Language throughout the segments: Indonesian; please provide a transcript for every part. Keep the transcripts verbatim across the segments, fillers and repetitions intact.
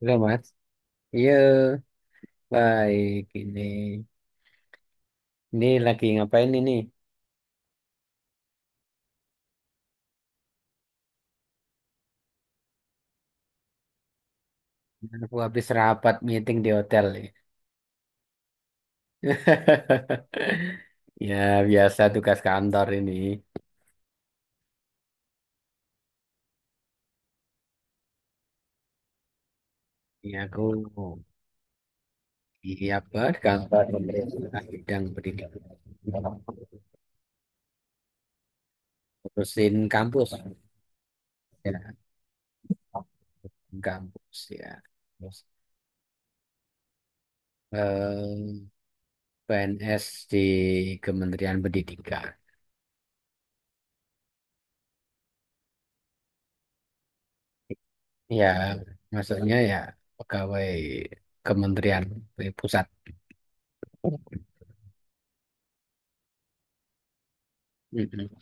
Halo Mas, iya baik ini. Ini lagi ngapain ini? Aku habis rapat meeting di hotel nih. Ya biasa tugas kantor ini. Ini aku di apa di kantor pemerintah bidang pendidikan. Ngurusin kampus. Ya, kampus ya. Terus, eh, P N S di Kementerian Pendidikan. Ya, maksudnya ya pegawai kementerian pusat. Mm-mm.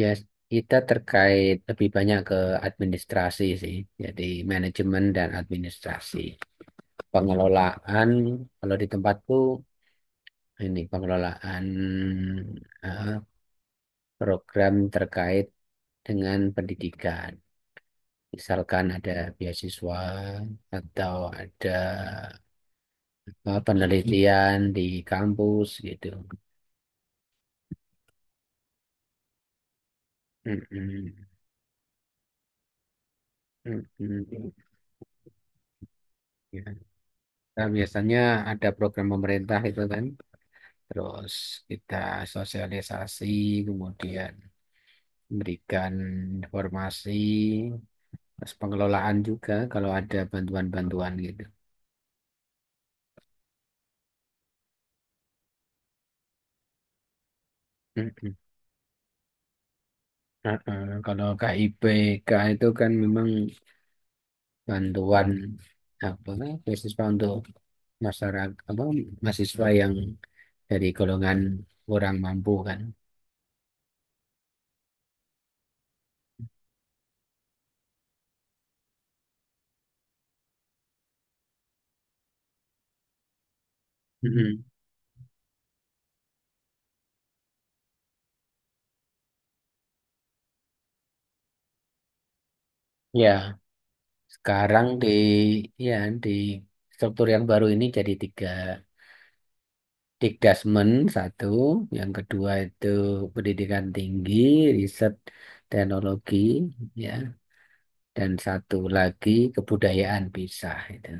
Ya, kita terkait lebih banyak ke administrasi sih. Jadi manajemen dan administrasi. Pengelolaan, kalau di tempatku ini pengelolaan eh, program terkait dengan pendidikan. Misalkan ada beasiswa atau ada eh, penelitian di kampus gitu. Mm-mm. Mm, mm, ya. Nah, biasanya ada program pemerintah itu kan, terus kita sosialisasi, kemudian memberikan informasi, terus pengelolaan juga kalau ada bantuan-bantuan gitu. Mm, mm. Ah, ah. Kalau K I P K itu kan memang bantuan apa beasiswa untuk masyarakat apa mahasiswa yang dari golongan kurang mampu kan. Mm, mm. Ya, sekarang di ya di struktur yang baru ini jadi tiga. Dikdasmen satu, yang kedua itu pendidikan tinggi, riset teknologi, ya, dan satu lagi kebudayaan pisah itu.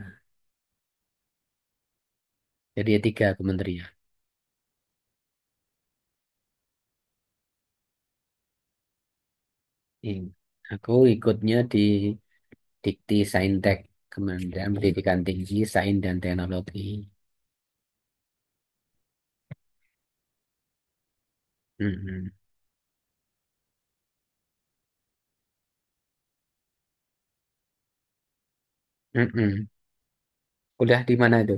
Jadi ya tiga kementerian. Ini. Aku ikutnya di Dikti Saintek, Kementerian Pendidikan Tinggi, Sains dan Teknologi. Mm-mm. Mm-mm. Udah di mana itu?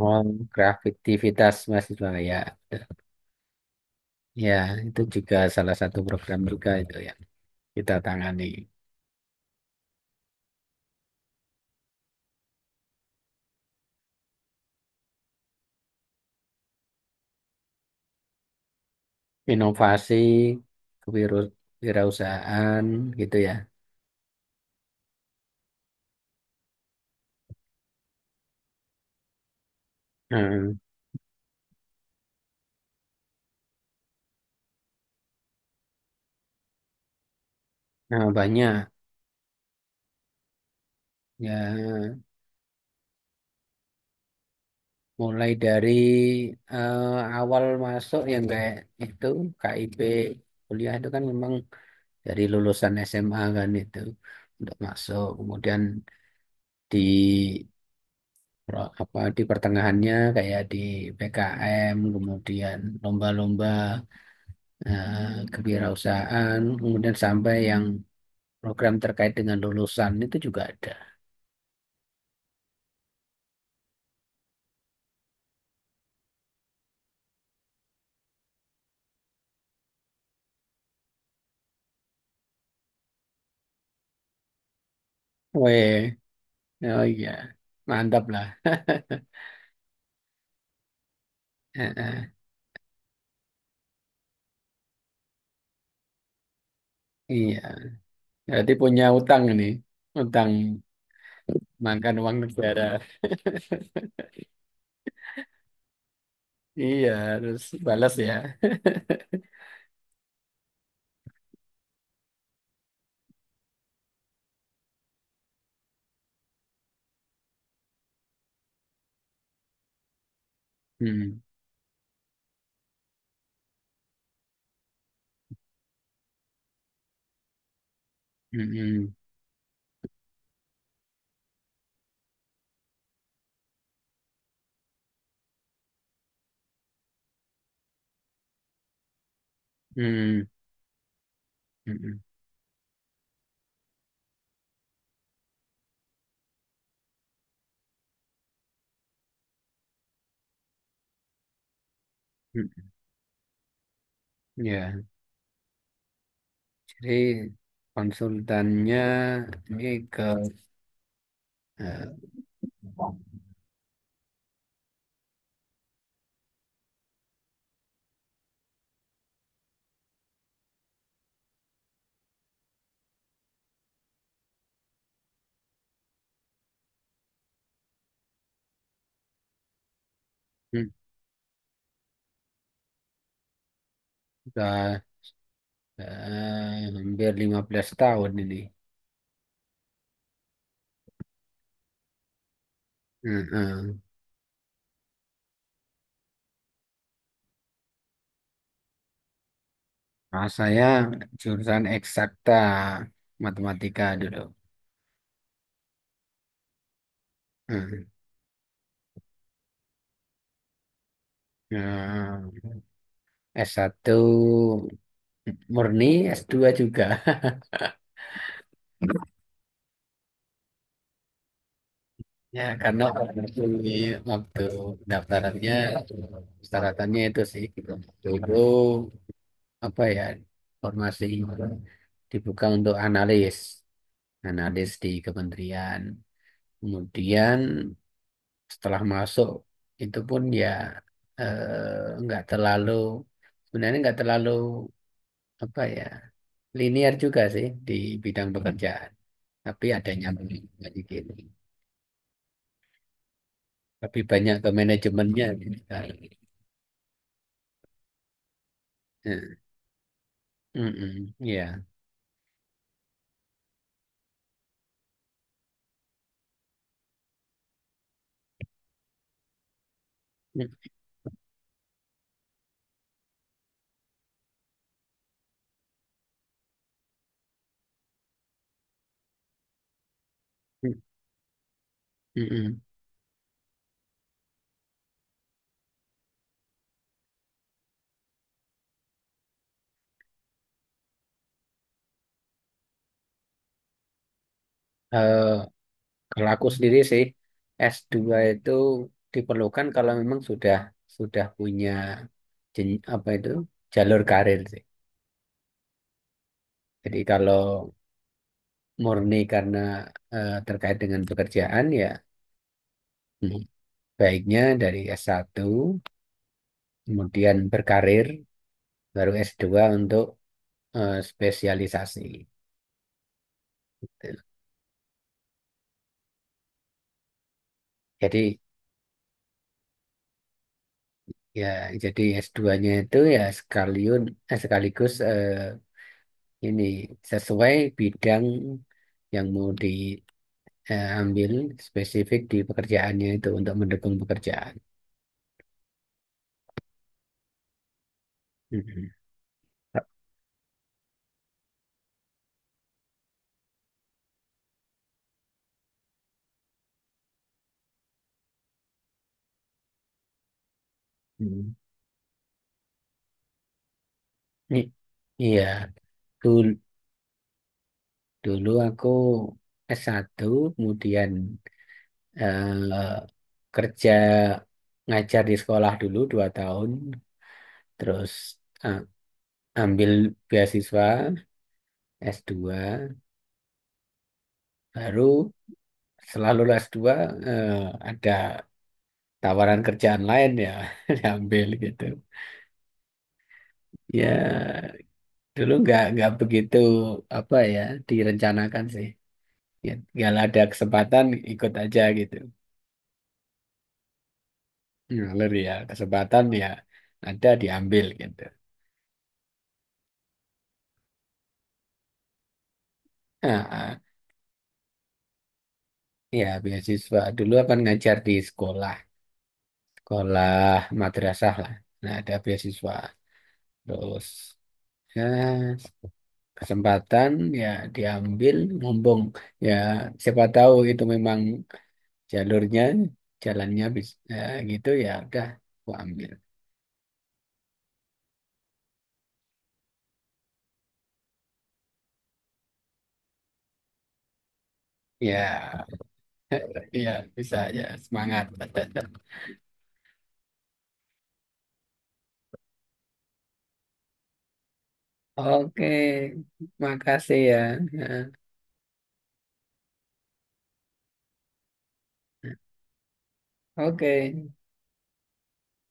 Oh, kreativitas mahasiswa ya. Ya, itu juga salah satu program juga itu yang kita tangani. Inovasi, kewiru- kewirausahaan gitu ya. Nah, nah banyak ya mulai dari eh, awal masuk yang kayak itu K I P kuliah itu kan memang dari lulusan S M A kan itu untuk masuk, kemudian di pro- apa di pertengahannya kayak di P K M, kemudian lomba-lomba eh, kewirausahaan, kemudian sampai yang program terkait dengan lulusan itu juga ada. Weh, oh iya, mantap lah. Eh, eh, iya, berarti punya utang ini, utang makan uang negara. Iya, harus balas ya. Hmm, hmm, hmm, hmm, hmm, hmm, hmm. Ya, jadi konsultannya ini ke eh, hmm, ke Eh, hampir lima belas tahun ini. Heeh. Nah, saya jurusan eksakta matematika dulu. Hmm. Nah, s satu murni, s dua juga. Ya, karena waktu, waktu daftarannya, persyaratannya itu sih. Gitu. Dulu, apa ya, formasi dibuka untuk analis. Analis di kementerian. Kemudian setelah masuk itu pun ya eh, nggak terlalu, sebenarnya nggak terlalu apa ya linear juga sih di bidang pekerjaan, tapi ada nyambungnya dikit tapi banyak ke manajemennya gitu kan. Eh, mm-mm, iya. Mm, mm, mm-mm. Eh, Kalau aku sendiri sih, S dua itu diperlukan kalau memang sudah sudah punya jen- apa itu jalur karir sih. Jadi kalau murni karena eh, terkait dengan pekerjaan ya, hmm, baiknya dari S satu kemudian berkarir, baru S dua untuk eh, spesialisasi. Jadi ya jadi S dua nya itu ya sekalian, eh, sekaligus eh, ini sesuai bidang yang mau diambil spesifik di pekerjaannya itu untuk mendukung pekerjaan. Mhm. Mhm. I- Iya, dulu Dulu aku s satu, kemudian eh, kerja ngajar di sekolah dulu dua tahun, terus eh, ambil beasiswa s dua, baru selalu s dua eh, ada tawaran kerjaan lain ya, diambil gitu. Ya, dulu nggak nggak begitu apa ya direncanakan sih. Ya, nggak ada kesempatan, ikut aja gitu. Ngalir ya, kesempatan ya ada diambil gitu. Nah, ah, ya beasiswa dulu kan ngajar di sekolah, sekolah madrasah lah, nah ada beasiswa, terus ya kesempatan ya diambil, ngomong ya siapa tahu itu memang jalurnya, jalannya bisa gitu, ya udah gua ambil ya. Ya bisa, ya semangat. Oke, makasih ya. Ya. Oke,